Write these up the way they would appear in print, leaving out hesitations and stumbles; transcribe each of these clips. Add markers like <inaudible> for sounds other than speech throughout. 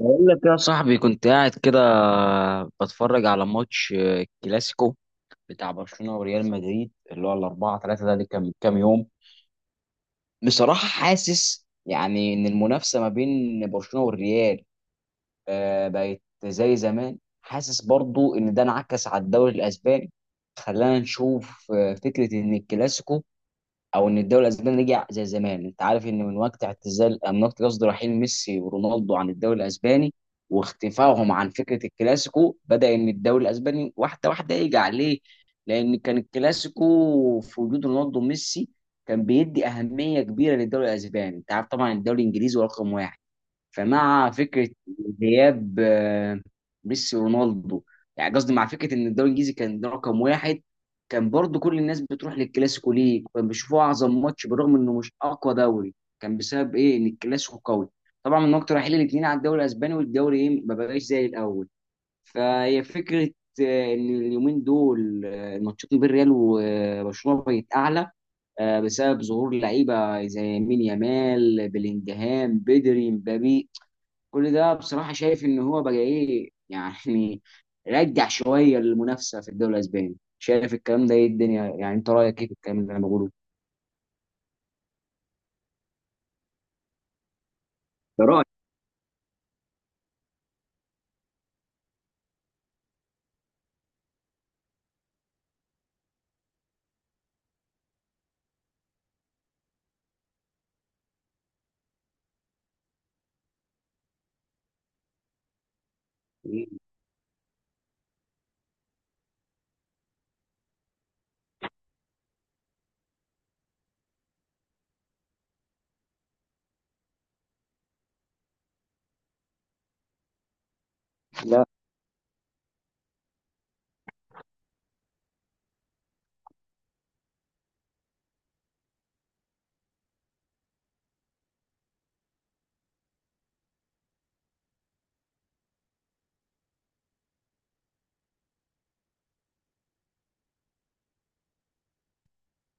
بقول لك يا صاحبي، كنت قاعد كده بتفرج على ماتش كلاسيكو بتاع برشلونة وريال مدريد، اللي هو 4-3 ده اللي كان من كام يوم. بصراحة حاسس يعني إن المنافسة ما بين برشلونة والريال، بقت زي زمان. حاسس برضو إن ده انعكس على الدوري الأسباني، خلانا نشوف فكرة إن الكلاسيكو او ان الدوري الاسباني رجع زي زمان. انت عارف ان من وقت اعتزال من وقت قصد، رحيل ميسي ورونالدو عن الدوري الاسباني واختفائهم عن فكره الكلاسيكو، بدا ان الدوري الاسباني واحده واحده يرجع ليه. لان كان الكلاسيكو في وجود رونالدو وميسي كان بيدي اهميه كبيره للدوري الاسباني. انت عارف طبعا الدوري الانجليزي هو رقم واحد. فمع فكره غياب ميسي ورونالدو، يعني قصدي، مع فكره ان الدوري الانجليزي كان رقم واحد، كان برضو كل الناس بتروح للكلاسيكو. ليه؟ كان بيشوفوه اعظم ماتش بالرغم انه مش اقوى دوري. كان بسبب ايه؟ ان الكلاسيكو قوي. طبعا من وقت رحيل الاثنين على الدوري الاسباني، والدوري ايه ما بقاش زي الاول. فهي فكره ان اليومين دول الماتشات ما بين ريال وبرشلونه بقت اعلى، بسبب ظهور لعيبه زي مين يامال، بلينجهام، بدري، مبابي. كل ده بصراحة شايف ان هو بقى ايه يعني، رجع شوية المنافسة في الدوري الاسباني. شايف الكلام ده ايه الدنيا، يعني انت رأيك ايه في الكلام اللي انا بقوله؟ ده رأيي. لا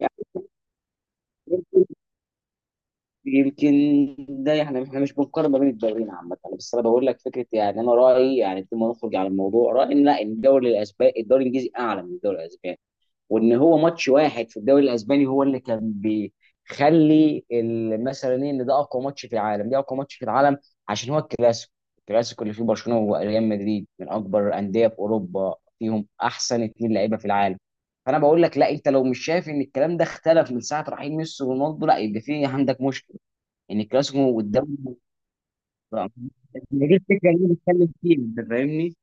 يعني، يمكن يمكن. ده احنا مش بنقارن ما بين الدوريين عامة، بس انا بقول لك فكرة، يعني انا رأيي يعني بدون ما نخرج على الموضوع، رأيي ان، لا، الدوري الانجليزي اعلى من الدوري الاسباني، وان هو ماتش واحد في الدوري الاسباني هو اللي كان بيخلي مثلا ايه، ان ده اقوى ماتش في العالم، ده اقوى ماتش في العالم، عشان هو الكلاسيكو. الكلاسيكو اللي فيه برشلونه وريال مدريد من اكبر انديه في اوروبا، فيهم احسن اتنين لعيبه في العالم. فانا بقول لك، لا، انت لو مش شايف ان الكلام ده اختلف من ساعه رحيل ميسي ورونالدو، لا، يبقى في عندك مشكله. ان الكلاسيكو والدوري، هي دي الفكره اللي أنا بتكلم فيها، انت فاهمني؟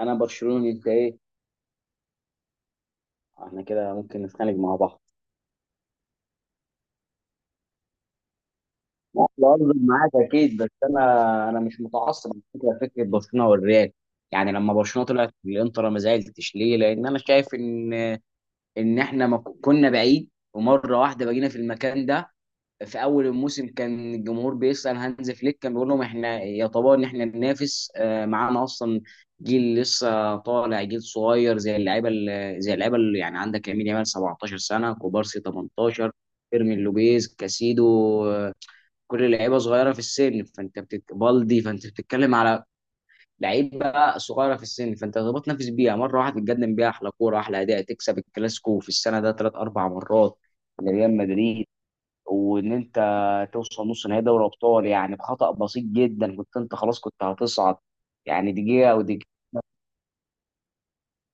انا برشلوني، انت ايه؟ احنا كده ممكن نتخانق مع بعض. لا، بهزر معاك اكيد، بس انا مش متعصب من فكره برشلونه والريال. يعني لما برشلونه طلعت بالانتر ما زعلتش، ليه؟ لان انا شايف ان احنا ما كنا بعيد، ومره واحده بقينا في المكان ده. في اول الموسم كان الجمهور بيسال هانز فليك، كان بيقول لهم احنا يا طبعا، ان احنا ننافس معانا اصلا، جيل لسه طالع، جيل صغير، زي اللعيبه اللي يعني عندك، يمين يامال 17 سنه، كوبارسي 18، فيرمين لوبيز، كاسيدو، آه، كل لعيبه صغيره في السن. فانت بالدي، فانت بتتكلم على لعيبه صغيره في السن، فانت تقدر تنافس بيها مره واحده، تقدم بيها احلى كوره، احلى اداء، تكسب الكلاسيكو في السنه ده ثلاث اربع مرات لريال مدريد، وان انت توصل نص نهائي دوري ابطال، يعني بخطا بسيط جدا كنت انت خلاص كنت هتصعد، يعني دقيقه او دقيقه.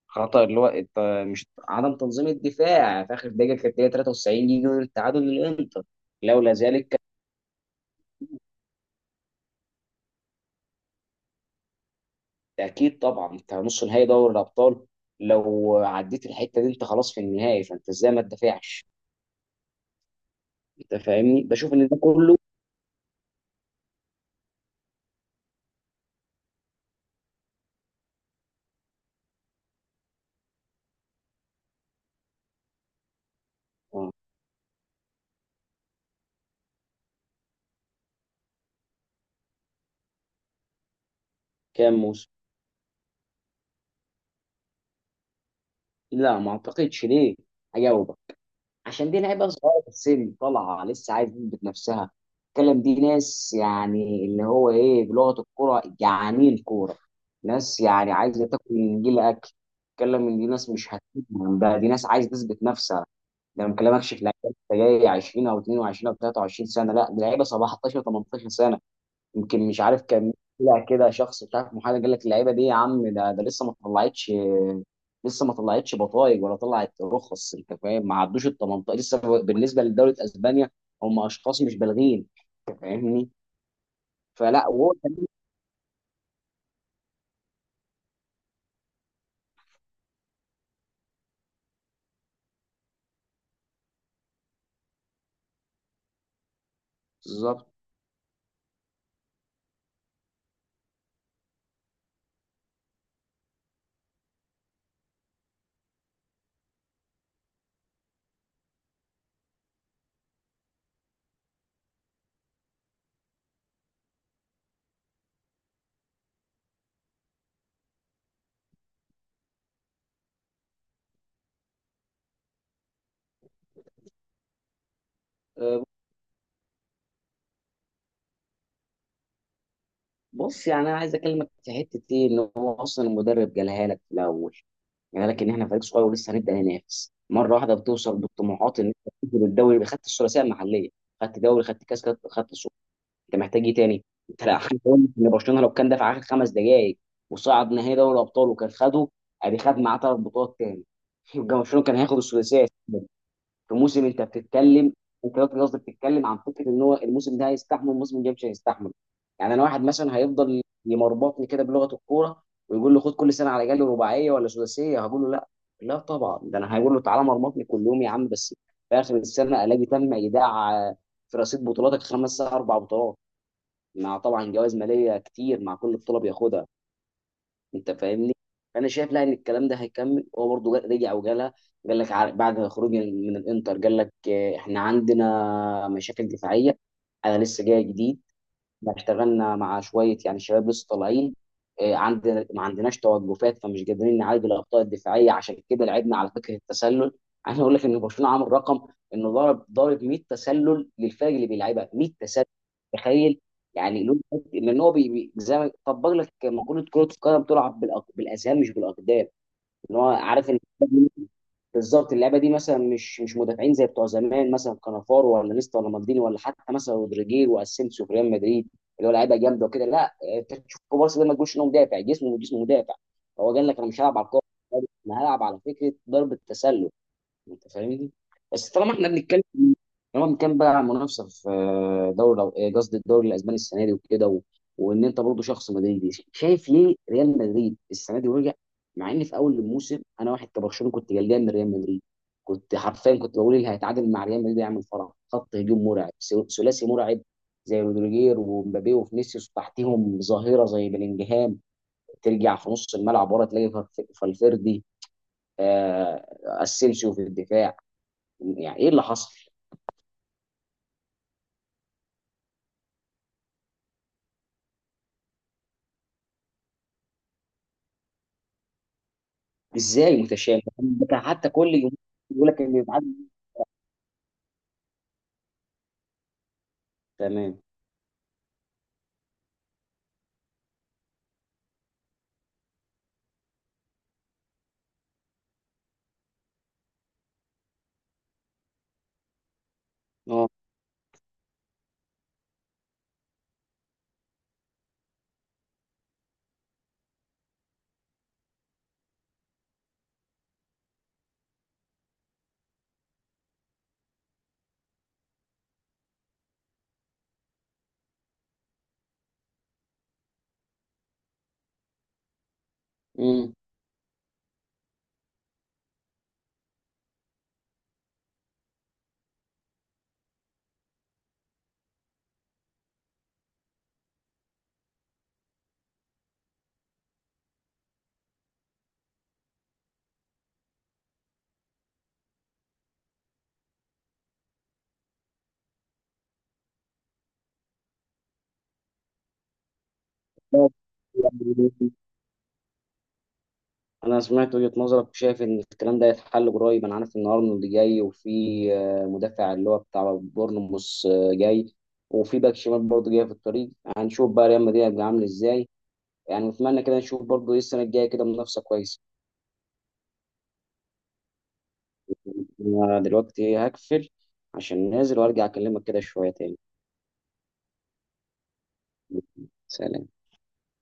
خطا اللي هو انت مش، عدم تنظيم الدفاع في اخر دقيقه كانت هي 93 يجي التعادل للانتر. لولا ذلك، اكيد طبعا. انت نص نهائي دوري الابطال، لو عديت الحته دي انت خلاص في النهائي، فانت ازاي ما تدافعش؟ انت فاهمني؟ بشوف ان ده كله آه. كام موسم؟ لا ما اعتقدش، ليه؟ هجاوبك. عشان دي لعيبه صغيره في السن طالعه لسه، عايزه تثبت نفسها. الكلام، دي ناس يعني اللي هو ايه بلغه الكوره، جعانين كوره. ناس يعني عايزه تاكل، من جيل اكل. الكلام من دي، ناس مش هتفهم بقى، دي ناس عايزه تثبت نفسها. ده ما بكلمكش في لعيبه لسه جاي 20 او 22 او 23 سنه، لا ده لعيبه 17 18 سنه. يمكن مش عارف، كان طلع كده شخص مش عارف محامي قال لك اللعيبه دي يا عم ده لسه ما طلعتش. لسه ما طلعتش بطايق ولا طلعت رخص، انت فاهم، ما عدوش ال 18 لسه بالنسبه لدوله اسبانيا. هم اشخاص مش بالغين، انت فاهمني. فلا بالظبط. أه، بص يعني انا عايز اكلمك في حته ايه، ان هو اصلا المدرب جالها لك في الاول، يعني لكن احنا فريق صغير ولسه هنبدا ننافس، مره واحده بتوصل بالطموحات ان انت تنزل الدوري، يبقى خدت الثلاثيه المحليه، خدت دوري، خدت كاس، خدت سوبر. انت محتاج ايه تاني؟ انت لا حد يقول لك ان برشلونه لو كان دفع اخر 5 دقائق وصعد نهائي دوري الابطال وكان خده، ادي خد معاه 3 بطولات تاني. <laughs> يبقى برشلونه كان هياخد الثلاثيه في موسم انت بتتكلم. انت دلوقتي قصدك بتتكلم عن فكره ان هو الموسم ده هيستحمل، الموسم الجاي مش هيستحمل. يعني انا واحد مثلا هيفضل يمربطني كده بلغه الكوره، ويقول له خد كل سنه على جالي رباعيه ولا سداسيه، هقول له لا. لا طبعا، ده انا هقول له تعالى مرمطني كل يوم يا عم، بس في اخر السنه الاقي تم ايداع في رصيد بطولاتك خمس اربع بطولات، مع طبعا جوائز ماليه كتير مع كل بطوله بياخدها. انت فاهمني؟ انا شايف، لا، ان الكلام ده هيكمل، هو برضه رجع وجالها. قال لك بعد خروج من الانتر، قال لك احنا عندنا مشاكل دفاعيه، انا لسه جاي جديد، احنا اشتغلنا مع شويه يعني شباب لسه طالعين، ما عندناش توقفات، فمش قادرين نعالج الاخطاء الدفاعيه، عشان كده لعبنا على فكره التسلل. عايز اقول لك ان برشلونه عامل رقم انه ضارب 100 تسلل للفرق اللي بيلعبها، 100 تسلل. تخيل. يعني لان هو زي ما طبق لك مقوله كره القدم تلعب بالاذهان مش بالاقدام. ان هو عارف بالظبط اللعبه دي، مثلا مش مدافعين زي بتوع زمان مثلا كانافارو ولا نيستا ولا مالديني ولا حتى مثلا رودريجير واسينسيو في ريال مدريد، اللي هو لعيبه جامده وكده. لا انت تشوف بارسا ده ما تقولش انه مدافع، جسمه جسمه مدافع. هو قال لك انا مش هلعب على الكوره، انا هلعب على فكره ضرب التسلل. انت فاهمني؟ بس طالما بنتكلم بقى عن منافسه في دوري قصدي الدوري الاسباني السنه دي وكده و... وان انت برضه شخص مدريدي، شايف ليه ريال مدريد السنه دي ورجع. مع ان في اول الموسم انا واحد كبرشلونه كنت قلقان من ريال مدريد، كنت حرفيا كنت بقول اللي هيتعادل مع ريال مدريد هيعمل فرح، خط هجوم مرعب، ثلاثي مرعب، زي رودريجير ومبابي وفينيسيوس، تحتيهم ظاهره زي بلينجهام، ترجع في نص الملعب ورا تلاقي فالفيردي، اسينسيو في الدفاع. يعني ايه اللي حصل؟ ازاي متشابه؟ ده حتى كل يوم. يقول لك ان يتعدى. تمام. اه. امم. انا سمعت وجهة نظرك، وشايف ان الكلام ده يتحل قريب. انا عارف ان ارنولد جاي، وفي مدافع اللي هو بتاع بورنموث جاي، وفي باك شمال برضه جاي في الطريق. هنشوف بقى ريال مدريد هيبقى عامل ازاي. يعني نتمنى كده نشوف برضه ايه السنه الجايه كده منافسه كويسه. انا دلوقتي هقفل عشان نازل، وارجع اكلمك كده شويه تاني. سلام.